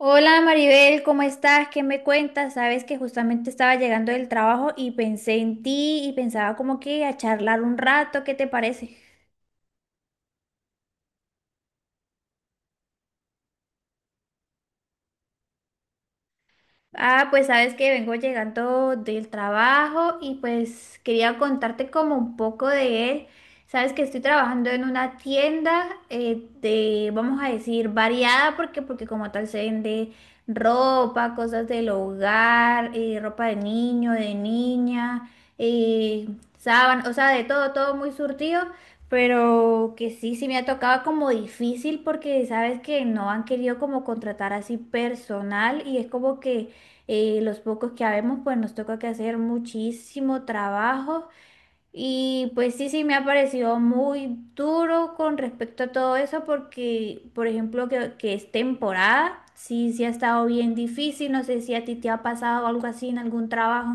Hola Maribel, ¿cómo estás? ¿Qué me cuentas? Sabes que justamente estaba llegando del trabajo y pensé en ti y pensaba como que a charlar un rato, ¿qué te parece? Ah, pues sabes que vengo llegando del trabajo y pues quería contarte como un poco de él. Sabes que estoy trabajando en una tienda de, vamos a decir, variada, porque, como tal se vende ropa, cosas del hogar, ropa de niño, de niña, eh, sábanas, o sea, de todo, todo muy surtido. Pero que sí, sí me ha tocado como difícil porque sabes que no han querido como contratar así personal y es como que los pocos que habemos, pues nos toca que hacer muchísimo trabajo. Y pues sí, sí, me ha parecido muy duro con respecto a todo eso, porque, por ejemplo, que es temporada, sí, sí ha estado bien difícil. No sé si a ti te ha pasado algo así en algún trabajo.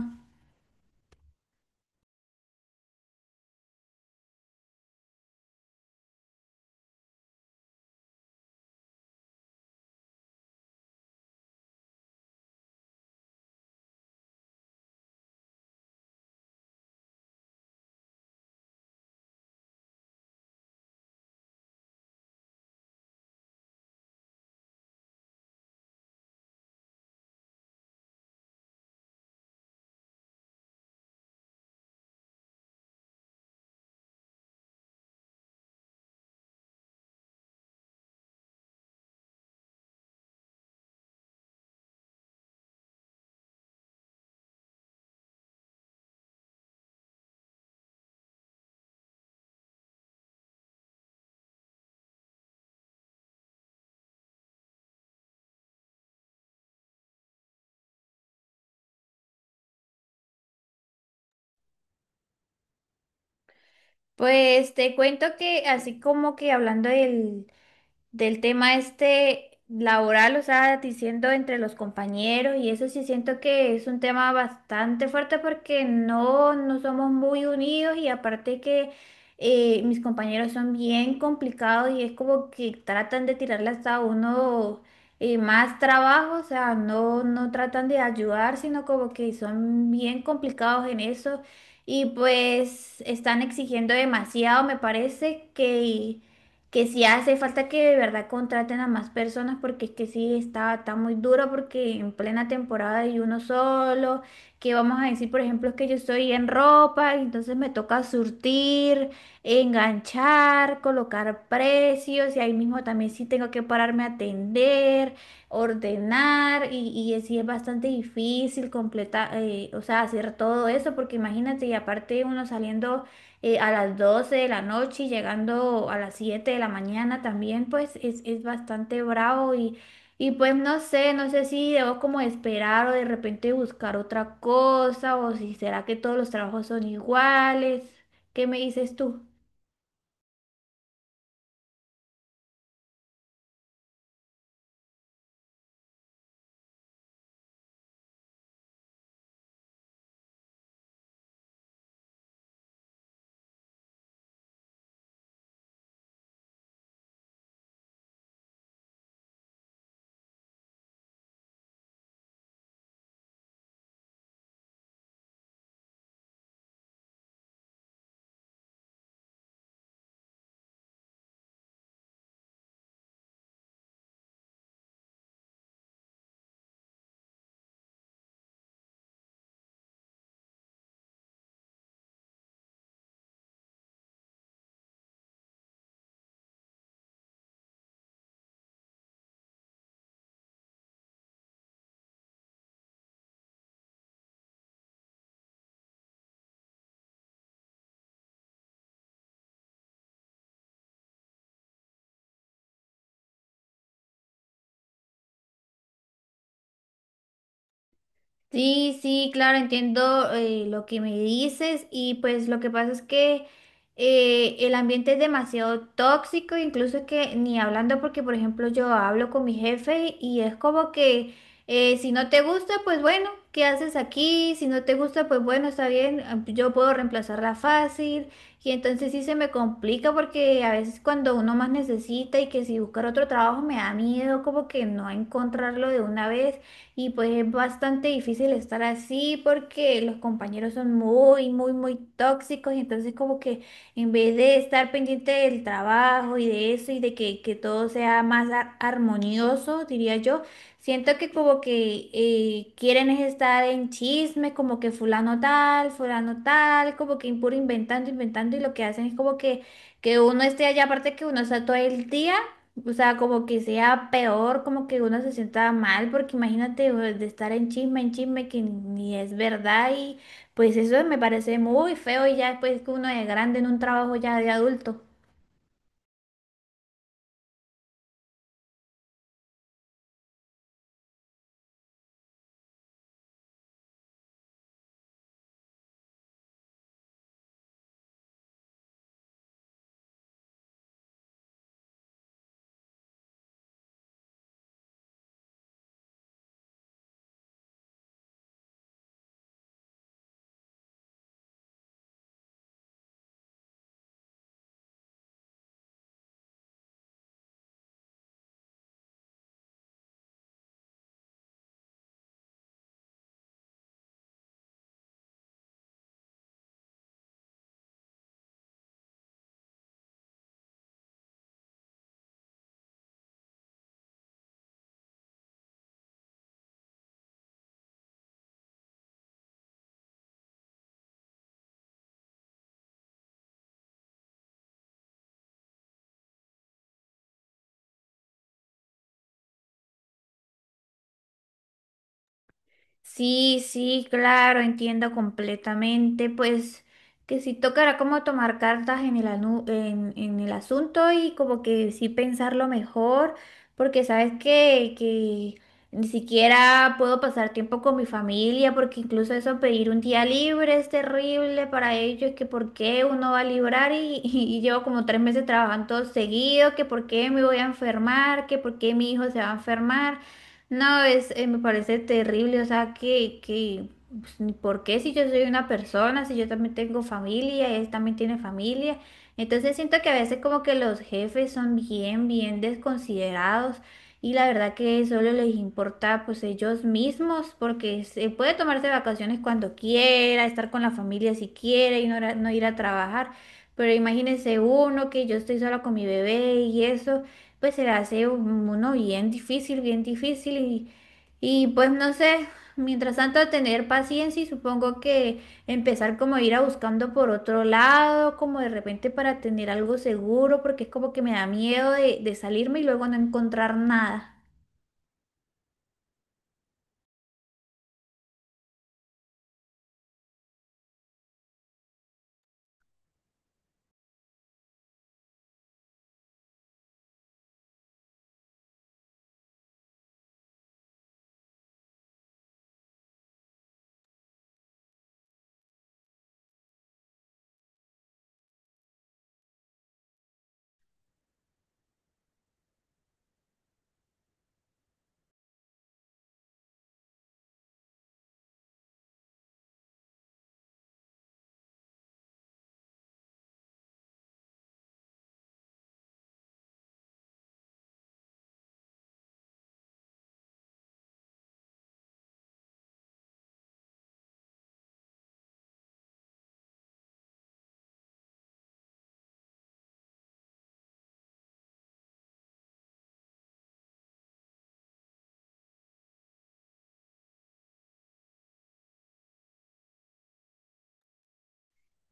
Pues te cuento que así como que hablando del tema este laboral, o sea, diciendo entre los compañeros y eso sí siento que es un tema bastante fuerte porque no, no somos muy unidos y aparte que mis compañeros son bien complicados y es como que tratan de tirarle hasta a uno más trabajo, o sea, no, no tratan de ayudar, sino como que son bien complicados en eso. Y pues están exigiendo demasiado, me parece que si hace falta que de verdad contraten a más personas porque es que sí está, está muy duro porque en plena temporada hay uno solo, que vamos a decir, por ejemplo, es que yo estoy en ropa, y entonces me toca surtir, enganchar, colocar precios y ahí mismo también sí tengo que pararme a atender, ordenar y, sí es bastante difícil completar, o sea, hacer todo eso porque imagínate y aparte uno saliendo a las 12 de la noche y llegando a las 7 de la mañana también, pues es bastante bravo y pues no sé, no sé si debo como esperar o de repente buscar otra cosa o si será que todos los trabajos son iguales. ¿Qué me dices tú? Sí, sí, claro, entiendo lo que me dices y pues lo que pasa es que el ambiente es demasiado tóxico, incluso que ni hablando porque por ejemplo yo hablo con mi jefe y es como que si no te gusta, pues bueno, ¿qué haces aquí? Si no te gusta, pues bueno, está bien, ah, yo puedo reemplazarla fácil y entonces sí se me complica porque a veces cuando uno más necesita y que si buscar otro trabajo me da miedo como que no encontrarlo de una vez. Y pues es bastante difícil estar así porque los compañeros son muy, muy, muy tóxicos y entonces como que en vez de estar pendiente del trabajo y de eso y de que todo sea más armonioso, diría yo, siento que como que quieren es estar en chisme, como que fulano tal, como que impuro inventando, inventando y lo que hacen es como que uno esté allá, aparte que uno está todo el día. O sea, como que sea peor, como que uno se sienta mal, porque imagínate o de estar en chisme que ni es verdad y pues eso me parece muy feo y ya después que uno es grande en un trabajo ya de adulto. Sí, sí, claro, entiendo completamente. Pues que sí tocará como tomar cartas en en el asunto y como que sí pensarlo mejor, porque sabes que ni siquiera puedo pasar tiempo con mi familia, porque incluso eso pedir un día libre es terrible para ellos, que por qué uno va a librar y llevo como 3 meses trabajando todo seguido, que por qué me voy a enfermar, que por qué mi hijo se va a enfermar. No, es, me parece terrible, o sea, que, pues, ni ¿por qué si yo soy una persona, si yo también tengo familia, él también tiene familia? Entonces siento que a veces como que los jefes son bien, bien desconsiderados y la verdad que solo les importa pues ellos mismos porque se puede tomarse vacaciones cuando quiera, estar con la familia si quiere y no, no ir a trabajar, pero imagínense uno que yo estoy sola con mi bebé y eso pues se le hace uno bien difícil y pues no sé, mientras tanto tener paciencia y supongo que empezar como a ir a buscando por otro lado, como de repente para tener algo seguro, porque es como que me da miedo de salirme y luego no encontrar nada.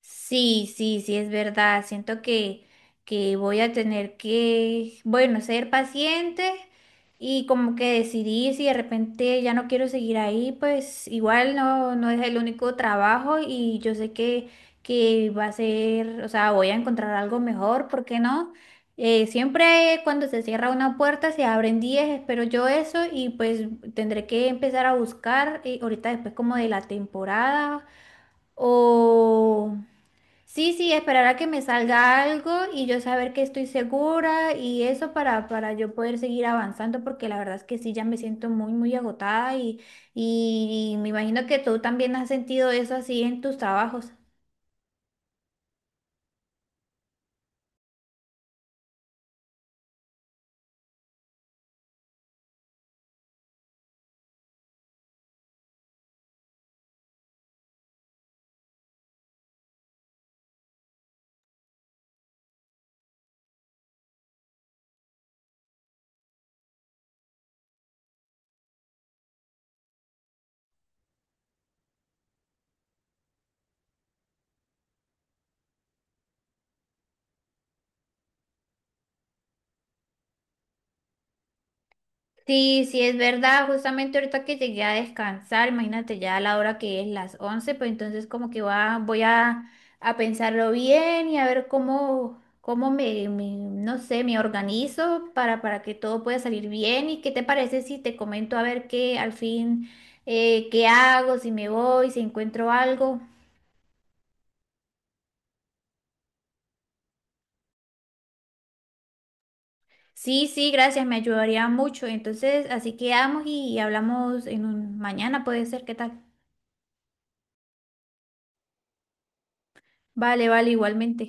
Sí, sí, sí, es verdad. Siento que voy a tener que, bueno, ser paciente y como que decidir si de repente ya no quiero seguir ahí, pues igual no, no es el único trabajo y yo sé que va a ser, o sea, voy a encontrar algo mejor, ¿por qué no? Siempre cuando se cierra una puerta se abren 10. Espero yo eso y pues tendré que empezar a buscar ahorita después como de la temporada o... Sí, sí, esperar a que me salga algo y yo saber que estoy segura y eso para yo poder seguir avanzando, porque la verdad es que sí, ya me siento muy, muy agotada y me imagino que tú también has sentido eso así en tus trabajos. Sí, sí, es verdad. Justamente ahorita que llegué a descansar, imagínate ya a la hora que es las 11. Pues entonces como que va, a pensarlo bien y a ver cómo, no sé, me organizo para que todo pueda salir bien. ¿Y qué te parece si te comento a ver qué al fin, qué hago, si me voy, si encuentro algo? Sí, sí, gracias, me ayudaría mucho. Entonces, así quedamos y hablamos en un, mañana, puede ser, ¿qué tal? Vale, vale, igualmente.